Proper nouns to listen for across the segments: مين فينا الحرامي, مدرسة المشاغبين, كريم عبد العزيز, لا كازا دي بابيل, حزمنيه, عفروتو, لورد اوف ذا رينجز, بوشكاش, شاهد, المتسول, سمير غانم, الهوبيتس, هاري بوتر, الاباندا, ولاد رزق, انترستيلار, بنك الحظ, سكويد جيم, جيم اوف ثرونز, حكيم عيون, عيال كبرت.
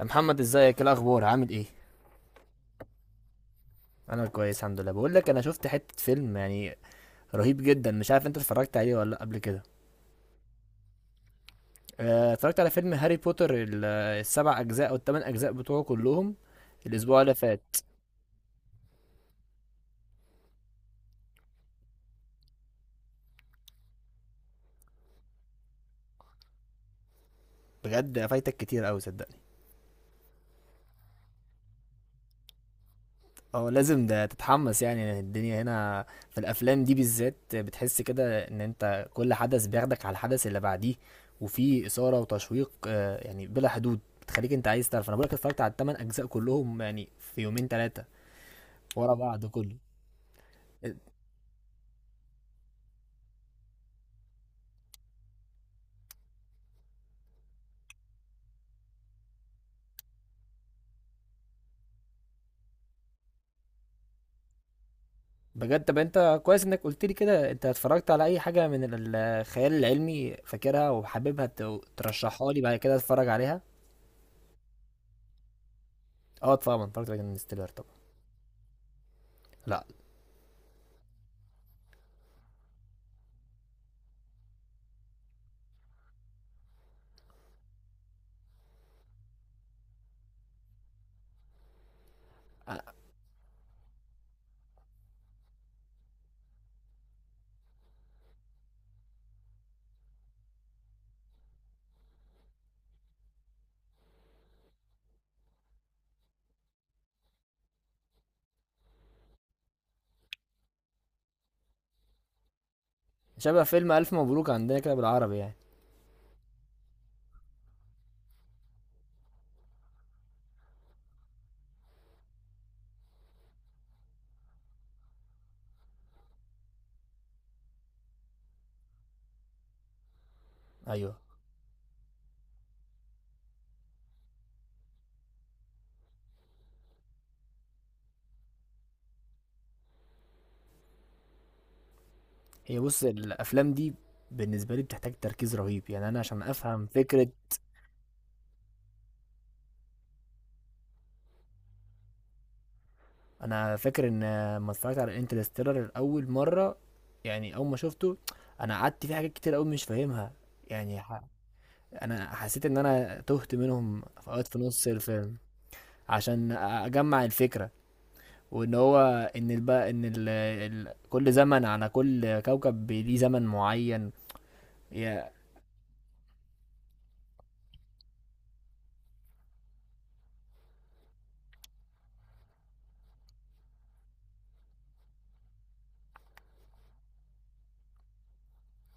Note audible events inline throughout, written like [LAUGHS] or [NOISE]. يا محمد، ازيك؟ إيه الاخبار؟ عامل ايه؟ انا كويس، الحمد لله. بقول لك انا شفت حته فيلم يعني رهيب جدا. مش عارف انت اتفرجت عليه ولا لأ قبل كده؟ اتفرجت على فيلم هاري بوتر السبع اجزاء او الثمان اجزاء بتوعه كلهم الاسبوع اللي فات. بجد فايتك كتير قوي، صدقني. اه، لازم ده تتحمس. يعني الدنيا هنا في الافلام دي بالذات بتحس كده ان انت كل حدث بياخدك على الحدث اللي بعديه، وفي اثاره وتشويق يعني بلا حدود، بتخليك انت عايز تعرف. انا بقولك اتفرجت على الثمان اجزاء كلهم يعني في يومين ثلاثه ورا بعض كله. بجد. طب انت كويس انك قلت لي كده. انت اتفرجت على اي حاجة من الخيال العلمي فاكرها وحاببها ترشحها لي بعد كده اتفرج عليها؟ اه طبعا اتفرجت على انستيلر طبعا. لا. شبه فيلم الف مبروك عندنا كده بالعربي يعني؟ ايوه. هي بص، الافلام دي بالنسبة لي بتحتاج تركيز رهيب يعني، انا عشان افهم فكرة. انا فاكر ان ما اتفرجت على انترستيلر اول مرة، يعني اول ما شفته انا قعدت فيه حاجات كتير قوي مش فاهمها يعني. انا حسيت ان انا تهت منهم في اوقات في نص الفيلم، عشان اجمع الفكره. وان هو ان الب... ان ال... ال... كل زمن على كل كوكب ليه زمن معين. يا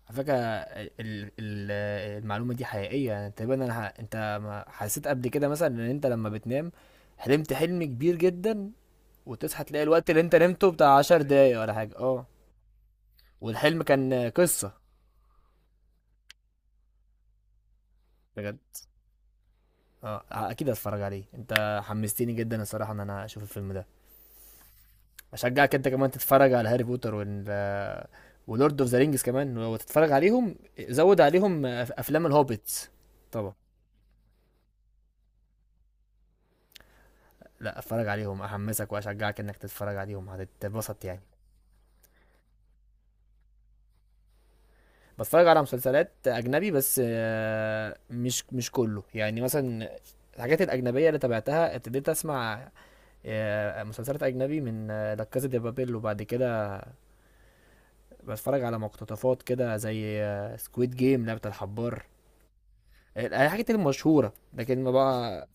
على فكره المعلومه دي حقيقيه يعني تقريبا. انت ما حسيت قبل كده مثلا ان انت لما بتنام حلمت حلم كبير جدا، وتصحى تلاقي الوقت اللي انت نمته بتاع 10 دقايق ولا حاجه؟ اه. والحلم كان قصه. بجد. اه اكيد هتفرج عليه، انت حمستني جدا الصراحه ان انا اشوف الفيلم ده. اشجعك انت كمان تتفرج على هاري بوتر ولورد اوف ذا رينجز كمان وتتفرج عليهم. زود عليهم افلام الهوبيتس. طبعا. لا اتفرج عليهم، احمسك واشجعك انك تتفرج عليهم. هتتبسط يعني. بتفرج على مسلسلات اجنبي بس مش كله يعني. مثلا الحاجات الاجنبيه اللي تابعتها ابتديت اسمع مسلسلات اجنبي من لا كازا دي بابيل. وبعد كده بتفرج على مقتطفات كده زي سكويد جيم، لعبة الحبار، الحاجات المشهورة، لكن ما بقى.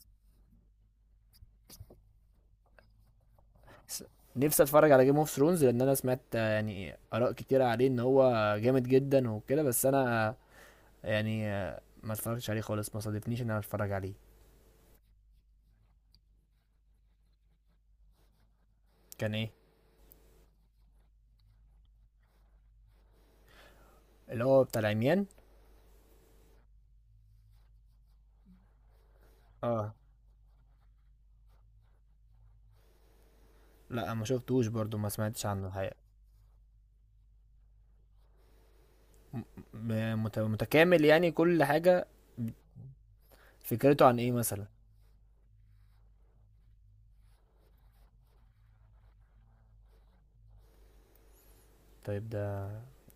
س- نفسي اتفرج على جيم اوف ثرونز، لان انا سمعت يعني اراء كتيرة عليه ان هو جامد جدا وكده. بس انا ما اتفرجتش عليه خالص، ما صادفنيش ان انا اتفرج عليه. كان ايه؟ اللي هو بتاع العميان؟ اه. لا، ما شفتوش برضو، ما سمعتش عنه الحقيقة. م- متكامل يعني؟ كل حاجة. فكرته عن ايه مثلا؟ طيب ده.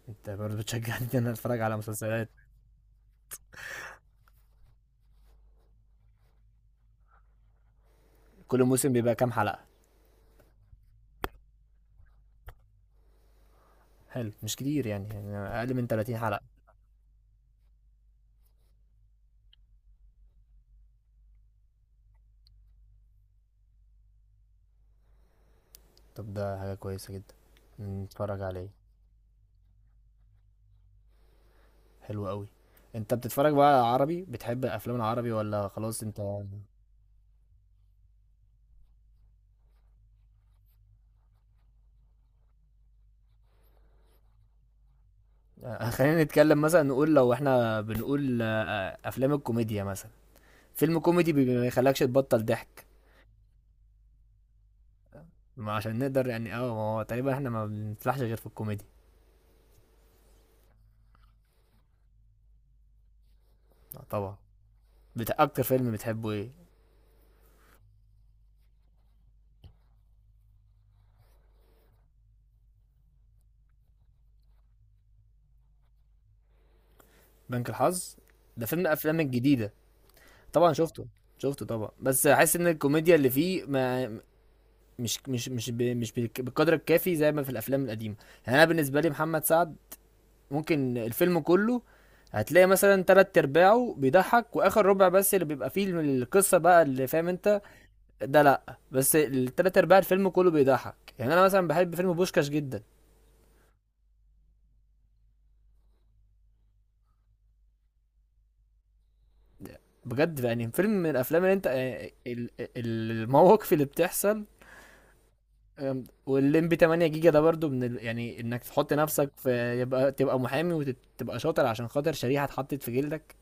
انت برضو بتشجعني [LAUGHS] ان انا اتفرج على مسلسلات. كل موسم بيبقى كام حلقة؟ حلو، مش كتير يعني، أقل من 30 حلقة. طب ده حاجة كويسة جدا، نتفرج عليه. حلو قوي. انت بتتفرج بقى على عربي؟ بتحب الافلام العربي ولا خلاص انت؟ [LAUGHS] خلينا نتكلم. مثلا نقول لو احنا بنقول افلام الكوميديا مثلا، فيلم كوميدي ما يخلكش تبطل ضحك. ما عشان نقدر يعني، اه ما هو تقريبا احنا ما بنفلحش غير في الكوميدي. آه، طبعا. اكتر فيلم بتحبه ايه؟ بنك الحظ؟ ده فيلم من الافلام الجديدة. طبعا شفته. شفته طبعا، بس حاسس ان الكوميديا اللي فيه ما مش بالقدر الكافي زي ما في الافلام القديمه. يعني انا بالنسبه لي، محمد سعد ممكن الفيلم كله هتلاقي مثلا تلات ارباعه بيضحك، واخر ربع بس اللي بيبقى فيه القصه بقى، اللي فاهم انت. ده لا، بس التلات ارباع الفيلم كله بيضحك. يعني انا مثلا بحب فيلم بوشكاش جدا. بجد يعني فيلم من الافلام اللي انت المواقف اللي بتحصل. والليمبي 8 جيجا ده برضو من يعني انك تحط نفسك في، يبقى تبقى محامي وتبقى شاطر عشان خاطر شريحة اتحطت في جلدك.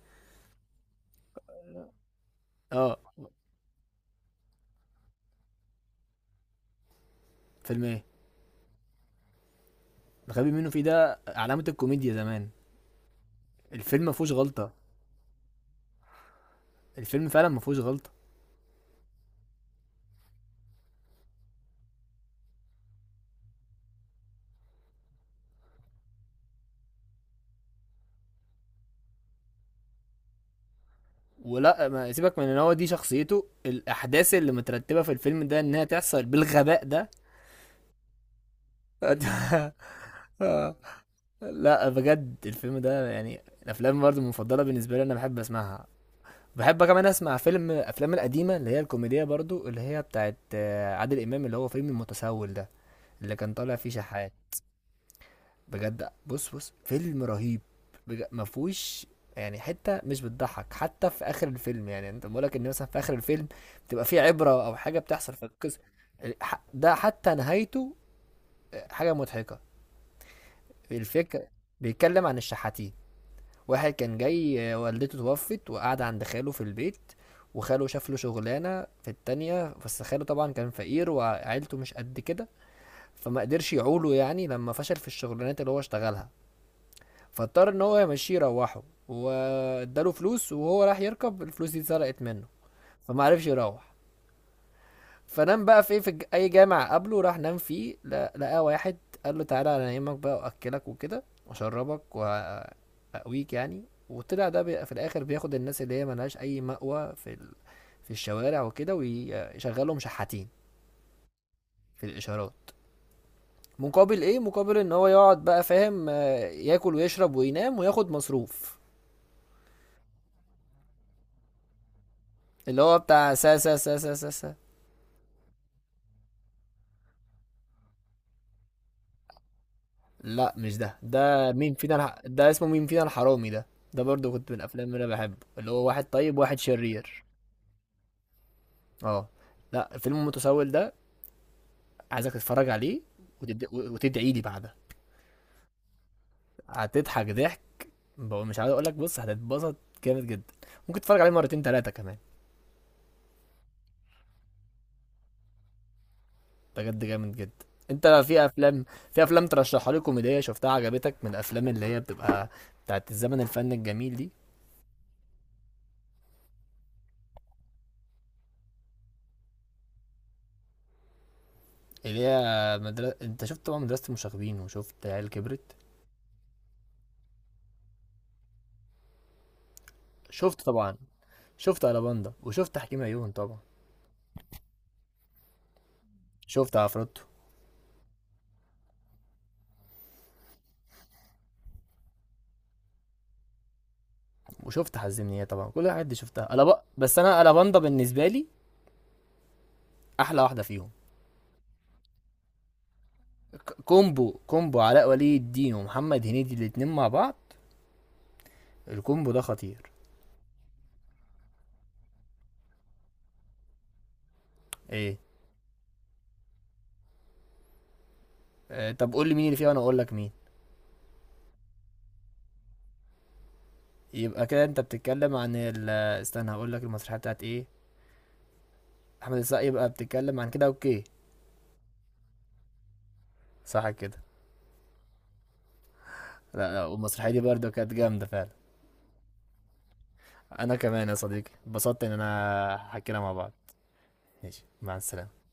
اه. فيلم ايه؟ الغبي منه فيه ده علامة الكوميديا زمان. الفيلم ما فيهوش غلطة. الفيلم فعلا ما فيهوش غلطة. ولا ما سيبك من ان هو دي شخصيته، الاحداث اللي مترتبة في الفيلم ده انها تحصل بالغباء ده. [LAUGHS] آه، لا، بجد الفيلم ده يعني الافلام برضو المفضلة بالنسبة لي، انا بحب اسمعها. بحب كمان اسمع فيلم افلام القديمه اللي هي الكوميديه، برضو اللي هي بتاعت عادل امام، اللي هو فيلم المتسول ده، اللي كان طالع فيه شحات. بجد بص بص، فيلم رهيب. ما فيهوش يعني حته مش بتضحك، حتى في اخر الفيلم. يعني انت بقولك ان مثلا في اخر الفيلم بتبقى فيه عبره او حاجه بتحصل في القصه. ده حتى نهايته حاجه مضحكه. الفكره بيتكلم عن الشحاتين. واحد كان جاي والدته توفت وقعد عند خاله في البيت. وخاله شاف له شغلانه في التانية، بس خاله طبعا كان فقير وعيلته مش قد كده، فما قدرش يعوله، يعني لما فشل في الشغلانات اللي هو اشتغلها، فاضطر ان هو يمشيه يروحه. واداله فلوس، وهو راح يركب الفلوس دي اتسرقت منه. فما عرفش يروح. فنام بقى في اي جامع قبله راح نام فيه. لقى واحد قال له تعالى انا انيمك بقى واكلك وكده واشربك واقويك يعني. وطلع ده في الاخر بياخد الناس اللي هي ملهاش اي مأوى في الشوارع وكده ويشغلهم شحاتين في الاشارات. مقابل ايه؟ مقابل ان هو يقعد بقى فاهم، ياكل ويشرب وينام وياخد مصروف. اللي هو بتاع سا سا سا سا سا, سا. لا مش ده. ده اسمه مين فينا الحرامي ده. ده برضو كنت من الافلام اللي انا بحبه، اللي هو واحد طيب واحد شرير. اه. لا الفيلم المتسول ده عايزك تتفرج عليه، وتدعي لي بعدها. هتضحك ضحك. مش عايز اقول لك بص هتتبسط. جامد جدا. ممكن تتفرج عليه مرتين ثلاثه كمان. بجد جامد جدا. انت في افلام ترشحها لي كوميديه شفتها عجبتك من الافلام اللي هي بتبقى بتاعت الزمن الفن الجميل دي؟ اللي هي مدرسة. انت شفت طبعا مدرسة المشاغبين وشفت عيال كبرت؟ شفت طبعا. شفت الاباندا وشفت حكيم عيون طبعا؟ شفت عفروتو. وشفت حزمنيه طبعا. كل الحاجات دي شفتها ألبا. بس انا الاباندا بالنسبه لي احلى واحده فيهم. كومبو كومبو علاء ولي الدين ومحمد هنيدي، الاتنين مع بعض، الكومبو ده خطير. ايه؟ آه، طب قول لي مين اللي فيه وانا اقول لك مين. يبقى كده انت بتتكلم عن استنى هقول لك المسرحيه بتاعت ايه. احمد السقا؟ يبقى بتتكلم عن كده، اوكي. صح كده. لا لا، والمسرحيه دي برضه كانت جامده فعلا. انا كمان يا صديقي اتبسطت ان انا حكينا مع بعض. ماشي، مع السلامة.